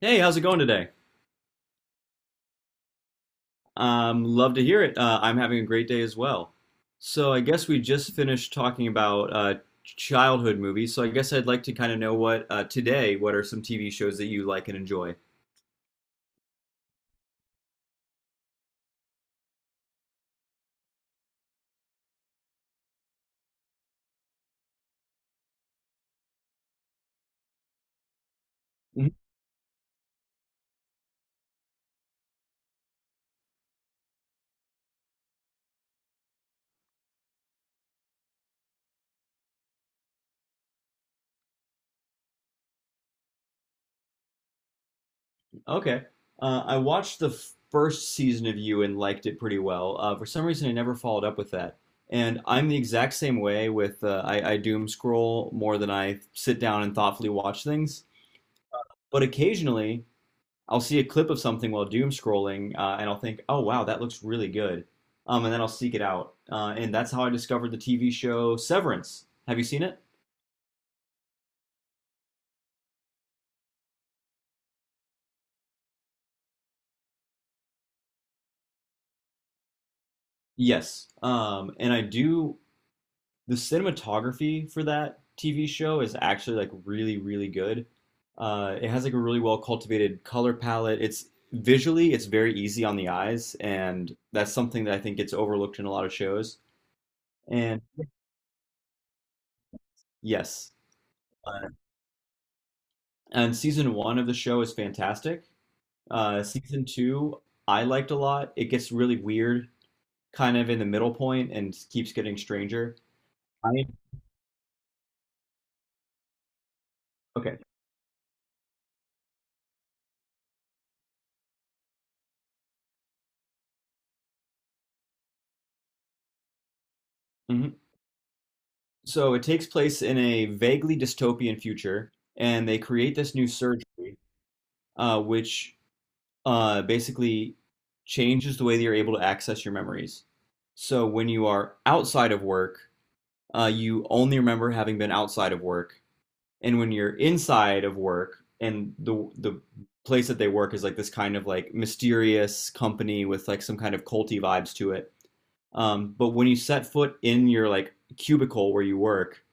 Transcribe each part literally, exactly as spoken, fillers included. Hey, how's it going today? Um, love to hear it. Uh, I'm having a great day as well. So I guess we just finished talking about uh, childhood movies. So I guess I'd like to kind of know what uh, today, what are some T V shows that you like and enjoy? Mhm. Okay. Uh, I watched the first season of You and liked it pretty well. Uh, for some reason, I never followed up with that. And I'm the exact same way with uh, I, I doom scroll more than I sit down and thoughtfully watch things. But occasionally, I'll see a clip of something while doom scrolling, uh, and I'll think, "Oh wow, that looks really good," um, and then I'll seek it out, uh, and that's how I discovered the T V show Severance. Have you seen it? Yes, um, and I do. The cinematography for that T V show is actually like really, really good. Uh, it has like a really well cultivated color palette. It's visually, it's very easy on the eyes, and that's something that I think gets overlooked in a lot of shows. And yes, uh, and season one of the show is fantastic. Uh, season two, I liked a lot. It gets really weird, kind of in the middle point, and keeps getting stranger. I Okay. hmm So it takes place in a vaguely dystopian future, and they create this new surgery, uh, which uh, basically changes the way that you're able to access your memories. So when you are outside of work, uh, you only remember having been outside of work, and when you're inside of work and the the place that they work is like this kind of like mysterious company with like some kind of culty vibes to it. Um, but when you set foot in your like cubicle where you work,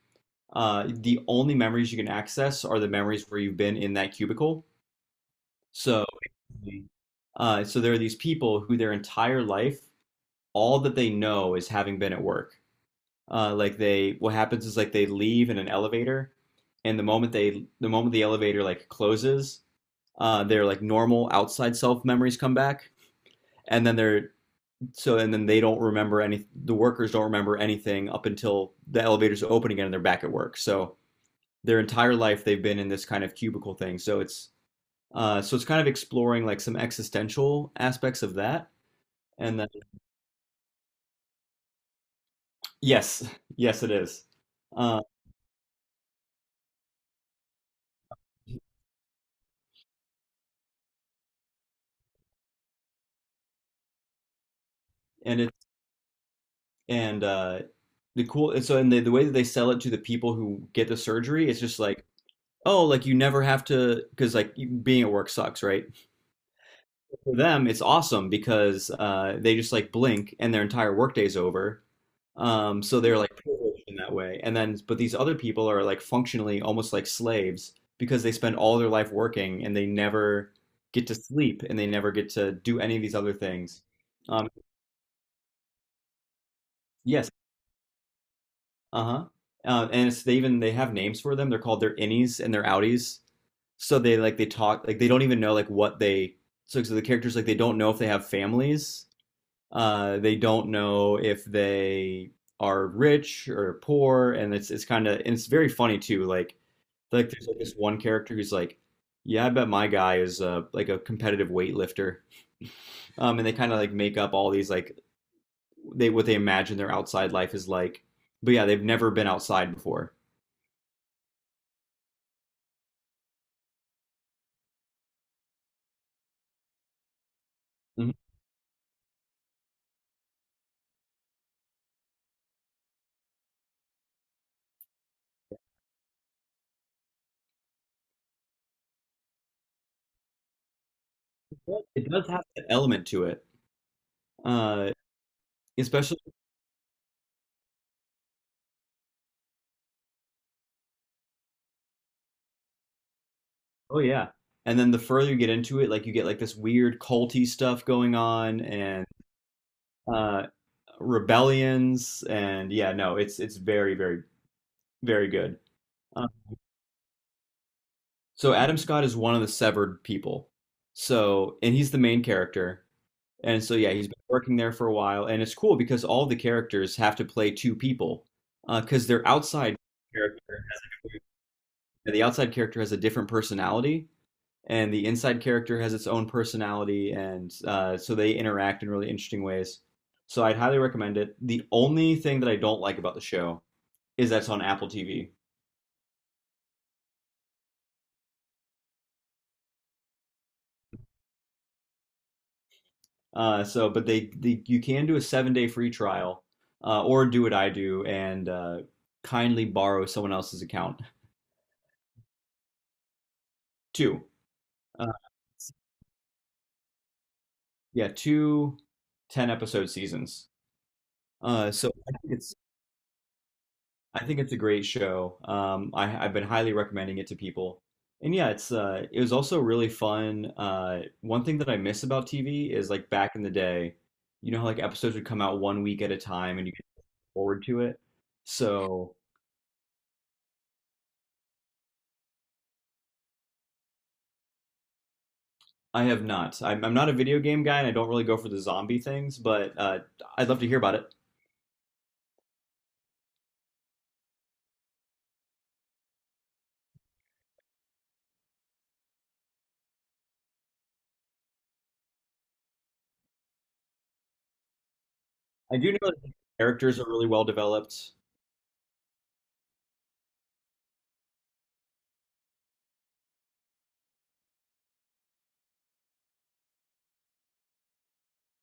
uh, the only memories you can access are the memories where you've been in that cubicle. So, uh, so there are these people who their entire life, all that they know is having been at work, uh, like they what happens is like they leave in an elevator, and the moment they the moment the elevator like closes, uh, their like normal outside self memories come back, and then they're so and then they don't remember any the workers don't remember anything up until the elevators open again and they're back at work. So their entire life they've been in this kind of cubicle thing, so it's uh, so it's kind of exploring like some existential aspects of that. And then Yes, yes it is. uh, and it and uh, the cool and so and the, the way that they sell it to the people who get the surgery, it's just like, "Oh, like you never have to," because like you- being at work sucks, right? For them it's awesome because uh, they just like blink and their entire workday's over. Um, so they're like privileged in that way, and then but these other people are like functionally almost like slaves because they spend all their life working and they never get to sleep and they never get to do any of these other things. um, yes. Uh-huh. Uh, and it's, they even they have names for them. They're called their innies and their outies. So they like they talk like they don't even know like what they. So, so the characters like they don't know if they have families. Uh they don't know if they are rich or poor, and it's it's kind of, and it's very funny too. Like like there's like this one character who's like, "Yeah, I bet my guy is uh like a competitive weightlifter." Um and they kind of like make up all these like, they what they imagine their outside life is like, but yeah, they've never been outside before. Mhm. But it does have an element to it, uh especially Oh yeah. And then the further you get into it, like you get like this weird culty stuff going on, and uh rebellions. And yeah, no, it's it's very, very, very good. Uh, so Adam Scott is one of the severed people. So and he's the main character. And so yeah, he's been working there for a while, and it's cool because all the characters have to play two people uh because their outside character has a, the outside character has a different personality and the inside character has its own personality, and uh, so they interact in really interesting ways. So I'd highly recommend it. The only thing that I don't like about the show is that's on Apple T V. Uh, so, but they, they you can do a seven day free trial, uh, or do what I do and uh, kindly borrow someone else's account. Two, uh, yeah, two ten episode seasons. Uh, so I think it's I think it's a great show. Um, I, I've been highly recommending it to people. And yeah, it's uh, it was also really fun. Uh, one thing that I miss about T V is like back in the day, you know how like episodes would come out one week at a time and you could look forward to it. So I have not. I'm, I'm not a video game guy and I don't really go for the zombie things, but uh, I'd love to hear about it. I do know that the characters are really well developed.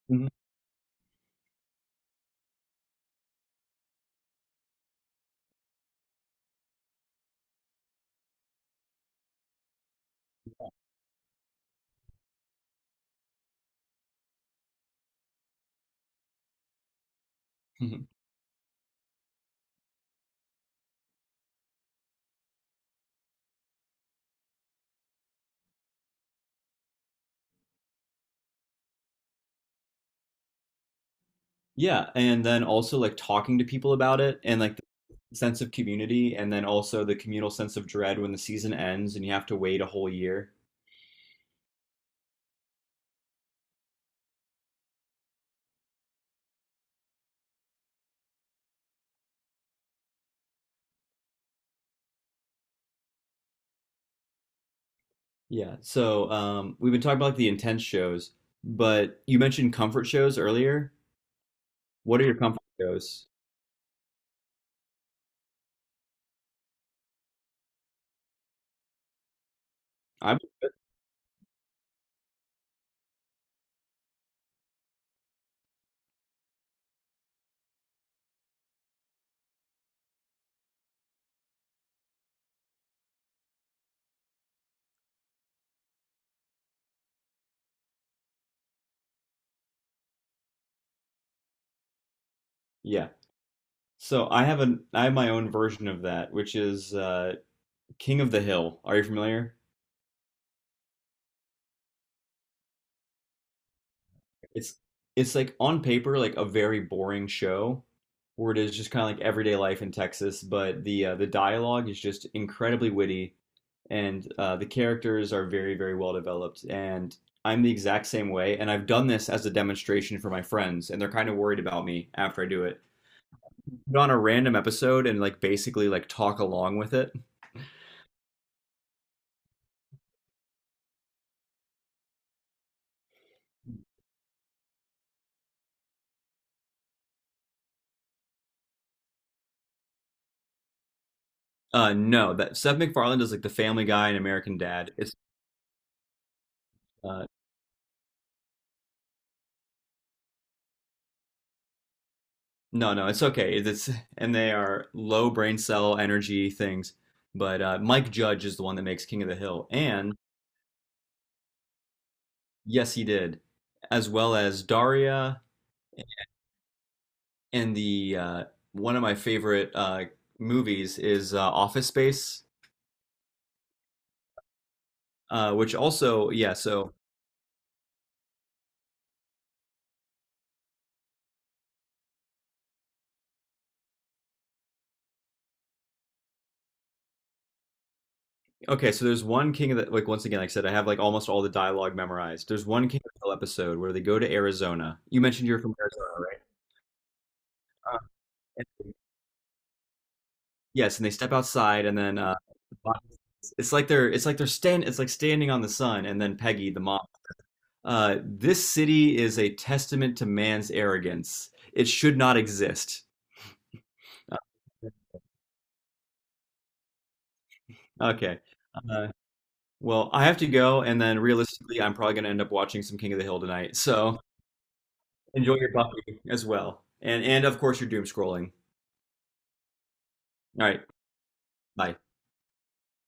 Mhm. Yeah, and then also like talking to people about it, and like the sense of community, and then also the communal sense of dread when the season ends and you have to wait a whole year. Yeah. So, um we've been talking about like the intense shows, but you mentioned comfort shows earlier. What are your comfort shows? I'm yeah. So, I have an I have my own version of that, which is uh King of the Hill. Are you familiar? It's it's like on paper like a very boring show where it is just kind of like everyday life in Texas, but the uh, the dialogue is just incredibly witty, and uh, the characters are very very well developed. And I'm the exact same way, and I've done this as a demonstration for my friends and they're kind of worried about me after I do it. Put on a random episode and like basically like talk along with it. Uh no, that Seth MacFarlane does like the Family Guy and American Dad. It's uh, No, no, it's okay. It's and they are low brain cell energy things. But uh, Mike Judge is the one that makes King of the Hill, and yes, he did, as well as Daria, and the uh, one of my favorite uh, movies is uh, Office Space, uh, which also yeah. So okay, so there's one King of the, like once again, like I said, I have like almost all the dialogue memorized. There's one King of the Hill episode where they go to Arizona. You mentioned you're from Arizona, right? Uh, and- yes, and they step outside, and then uh, It's like they're it's like they're stand it's like standing on the sun. And then Peggy the mom. Uh, this city is a testament to man's arrogance. It should not exist. Uh, Okay. Uh, well, I have to go, and then realistically, I'm probably going to end up watching some King of the Hill tonight. So enjoy your Buffy as well, and and of course your doom scrolling. All right, bye.